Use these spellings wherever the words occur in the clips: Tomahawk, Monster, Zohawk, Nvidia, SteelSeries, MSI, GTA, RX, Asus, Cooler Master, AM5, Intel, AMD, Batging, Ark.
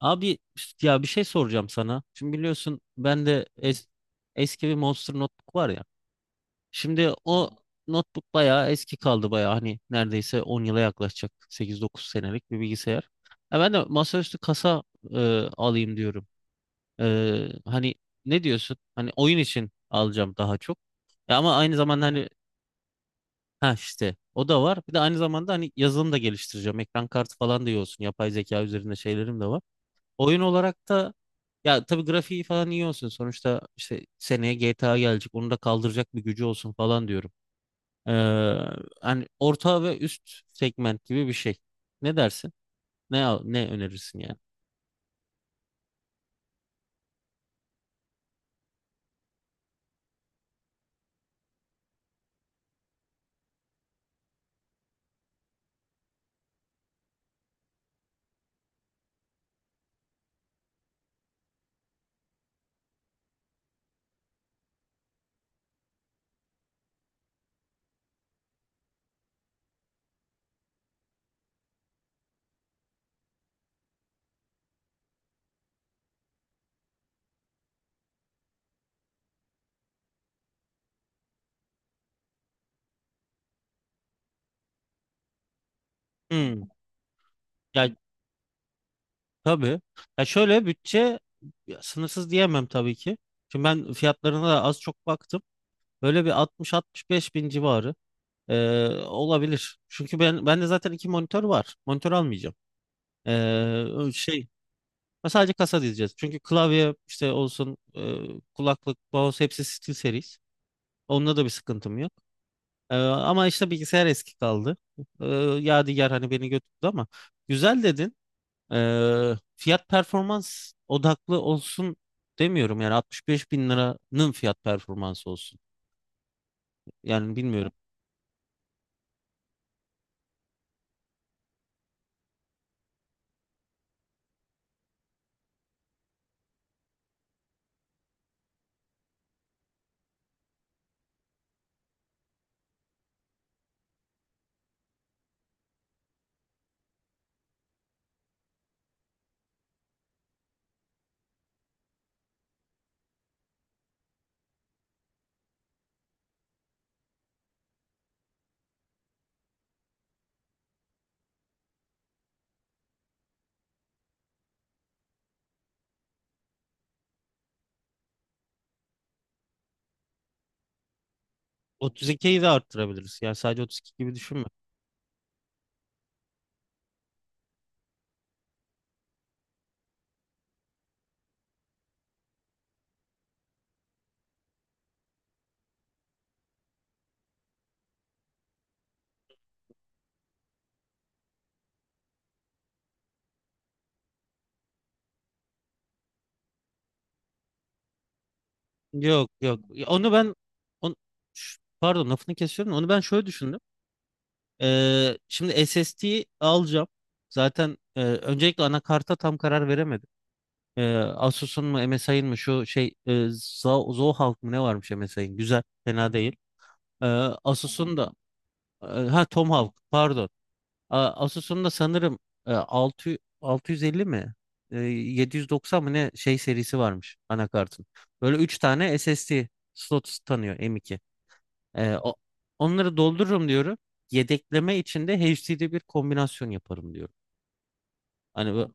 Abi ya bir şey soracağım sana. Şimdi biliyorsun ben de eski bir Monster notebook var ya. Şimdi o notebook bayağı eski kaldı bayağı, hani neredeyse 10 yıla yaklaşacak, 8-9 senelik bir bilgisayar. Ya ben de masaüstü kasa e, alayım diyorum. Hani ne diyorsun? Hani oyun için alacağım daha çok. Ya ama aynı zamanda hani, ha, işte o da var. Bir de aynı zamanda hani yazılım da geliştireceğim. Ekran kartı falan da iyi olsun. Yapay zeka üzerinde şeylerim de var. Oyun olarak da, ya tabii, grafiği falan iyi olsun. Sonuçta işte seneye GTA gelecek. Onu da kaldıracak bir gücü olsun falan diyorum. Ee, hani orta ve üst segment gibi bir şey. Ne dersin? Ne önerirsin yani? Hmm. Ya tabii. Ya şöyle bütçe, ya sınırsız diyemem tabii ki. Şimdi ben fiyatlarına da az çok baktım. Böyle bir 60-65 bin civarı olabilir. Çünkü bende zaten iki monitör var. Monitör almayacağım. Ee, şey Ve sadece kasa diyeceğiz. Çünkü klavye işte olsun, kulaklık, mouse hepsi SteelSeries. Onunla da bir sıkıntım yok. Ama işte bilgisayar eski kaldı. E, Yadigar hani beni götürdü, ama güzel dedin. Fiyat performans odaklı olsun demiyorum. Yani 65 bin liranın fiyat performansı olsun. Yani bilmiyorum. 32'yi de arttırabiliriz. Yani sadece 32 gibi düşünme. Yok yok. Onu ben on, pardon, lafını kesiyorum. Onu ben şöyle düşündüm. Şimdi SSD alacağım. Zaten öncelikle anakarta tam karar veremedim. Asus'un mu MSI'ın mı, şu Zohawk mı ne varmış MSI'ın? Güzel, fena değil. Ee, Asus'un da Tomahawk, pardon. Asus'un da sanırım 600 650 mi? 790 mı ne şey serisi varmış anakartın. Böyle 3 tane SSD slot tanıyor, M.2. Ee, o- Onları doldururum diyorum. Yedekleme içinde HD'de bir kombinasyon yaparım diyorum. Hani bu,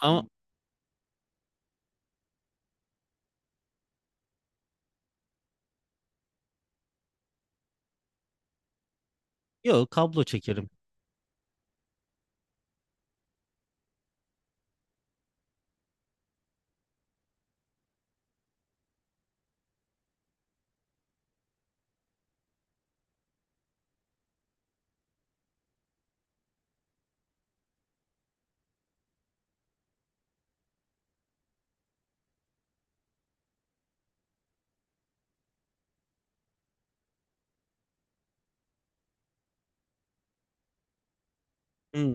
ama yok, kablo çekerim. Hmm,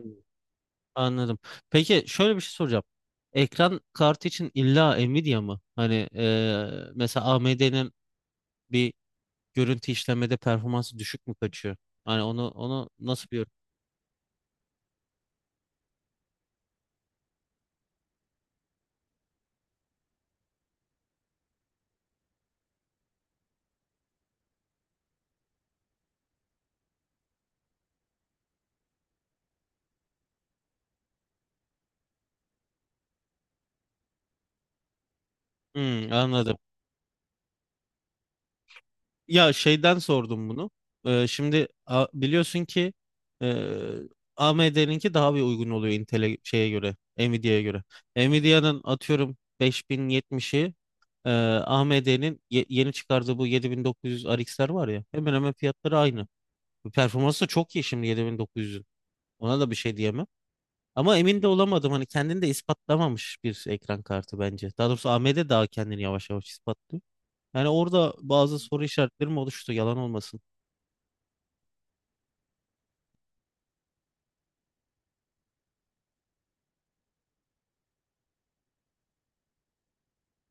anladım. Peki şöyle bir şey soracağım. Ekran kartı için illa Nvidia mı? Hani mesela AMD'nin bir görüntü işlemede performansı düşük mü kaçıyor? Hani onu nasıl bir... Hmm, anladım. Ya şeyden sordum bunu. Şimdi biliyorsun ki, e, AMD'ninki daha bir uygun oluyor Intel'e şeye göre, Nvidia'ya göre. Nvidia'nın atıyorum 5070'i, e, AMD'nin yeni çıkardığı bu 7900 RX'ler var ya, hemen hemen fiyatları aynı. Performansı da çok iyi şimdi 7900'ün. Ona da bir şey diyemem. Ama emin de olamadım, hani kendini de ispatlamamış bir ekran kartı bence. Daha doğrusu AMD daha kendini yavaş yavaş ispatlıyor. Yani orada bazı soru işaretlerim oluştu, yalan olmasın.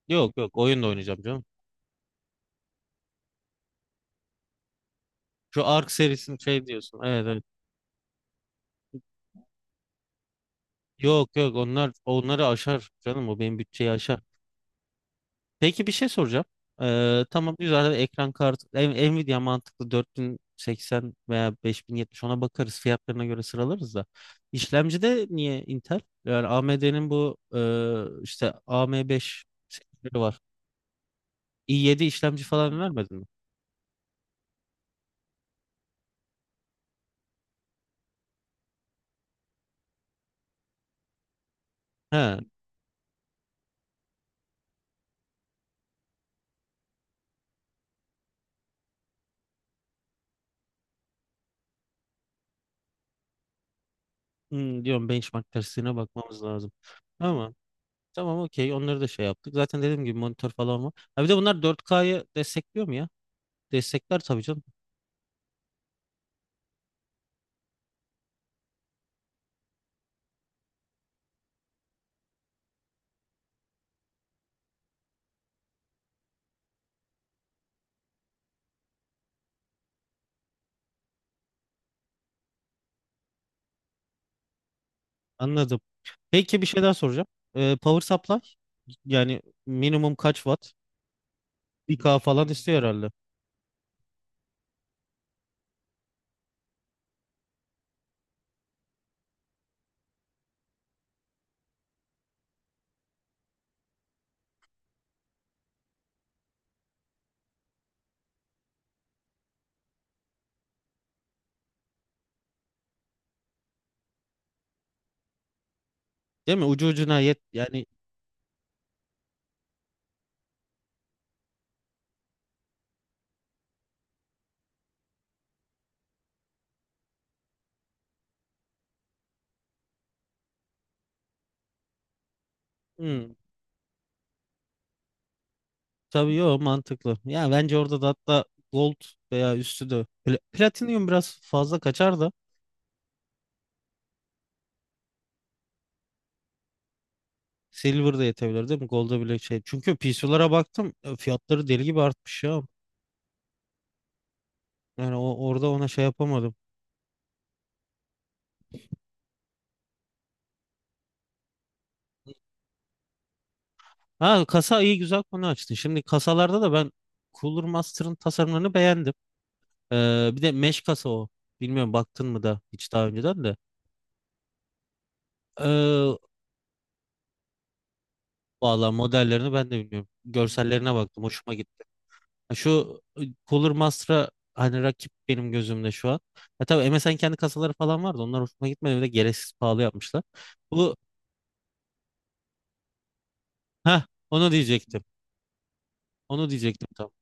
Yok yok, oyun da oynayacağım canım. Şu Ark serisini şey diyorsun. Evet evet. Yok yok, onları aşar canım, o benim bütçeyi aşar. Peki bir şey soracağım. Tamam, güzel, ekran kartı Nvidia mantıklı, 4080 veya 5070, ona bakarız fiyatlarına göre sıralarız da. İşlemcide niye Intel? Yani AMD'nin bu işte AM5 serileri var. i7 işlemci falan vermedin mi? He, diyorum benchmark testine bakmamız lazım. Ama tamam, okey, onları da şey yaptık. Zaten dediğim gibi monitör falan var. Ha bir de bunlar 4K'yı destekliyor mu ya? Destekler tabii canım. Anladım. Peki bir şey daha soracağım. Power supply, yani minimum kaç watt? 1K falan istiyor herhalde. Değil mi? Ucu ucuna yet yani. Hmm, tabii, yo mantıklı. Ya bence orada da, hatta gold veya üstü de, platinum biraz fazla kaçar da, silver de yetebilir değil mi? Gold'a bile şey. Çünkü PC'lara baktım, fiyatları deli gibi artmış ya. Yani orada ona şey yapamadım. Ha, kasa, iyi güzel konu açtın. Şimdi kasalarda da ben Cooler Master'ın tasarımlarını beğendim. Bir de mesh kasa o. Bilmiyorum, baktın mı da hiç daha önceden de. Ee, valla modellerini ben de bilmiyorum. Görsellerine baktım, hoşuma gitti. Ha, şu Cooler Master'a hani rakip benim gözümde şu an. Ya tabii, MSN kendi kasaları falan vardı. Onlar hoşuma gitmedi. Bir de gereksiz pahalı yapmışlar. Bu ha onu diyecektim. Onu diyecektim, tamam.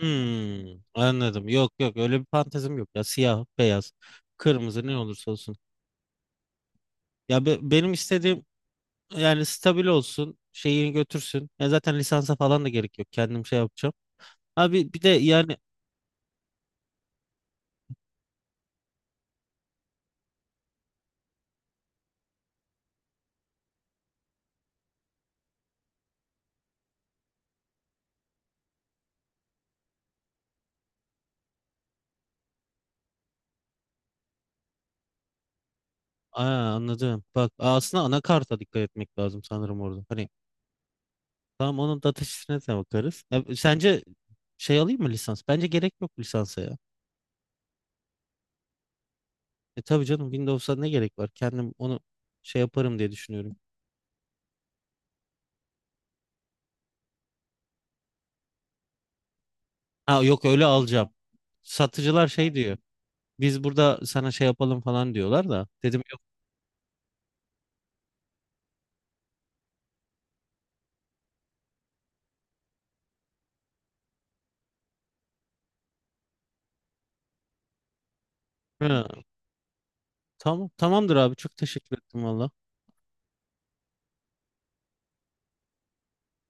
Hmm, anladım. Yok yok, öyle bir fantezim yok ya. Siyah, beyaz, kırmızı, ne olursa olsun. Ya benim istediğim yani stabil olsun, şeyini götürsün. Ya zaten lisansa falan da gerek yok. Kendim şey yapacağım. Abi bir de yani... Aa, anladım. Bak, aslında anakarta dikkat etmek lazım sanırım orada. Hani tamam, onun data sheet'ine de bakarız. Ya, sence şey alayım mı, lisans? Bence gerek yok lisansa ya. Tabii canım, Windows'a ne gerek var? Kendim onu şey yaparım diye düşünüyorum. Ha yok, öyle alacağım. Satıcılar şey diyor. Biz burada sana şey yapalım falan diyorlar da. Dedim yok. "Ha, tamam, tamamdır abi, çok teşekkür ettim valla.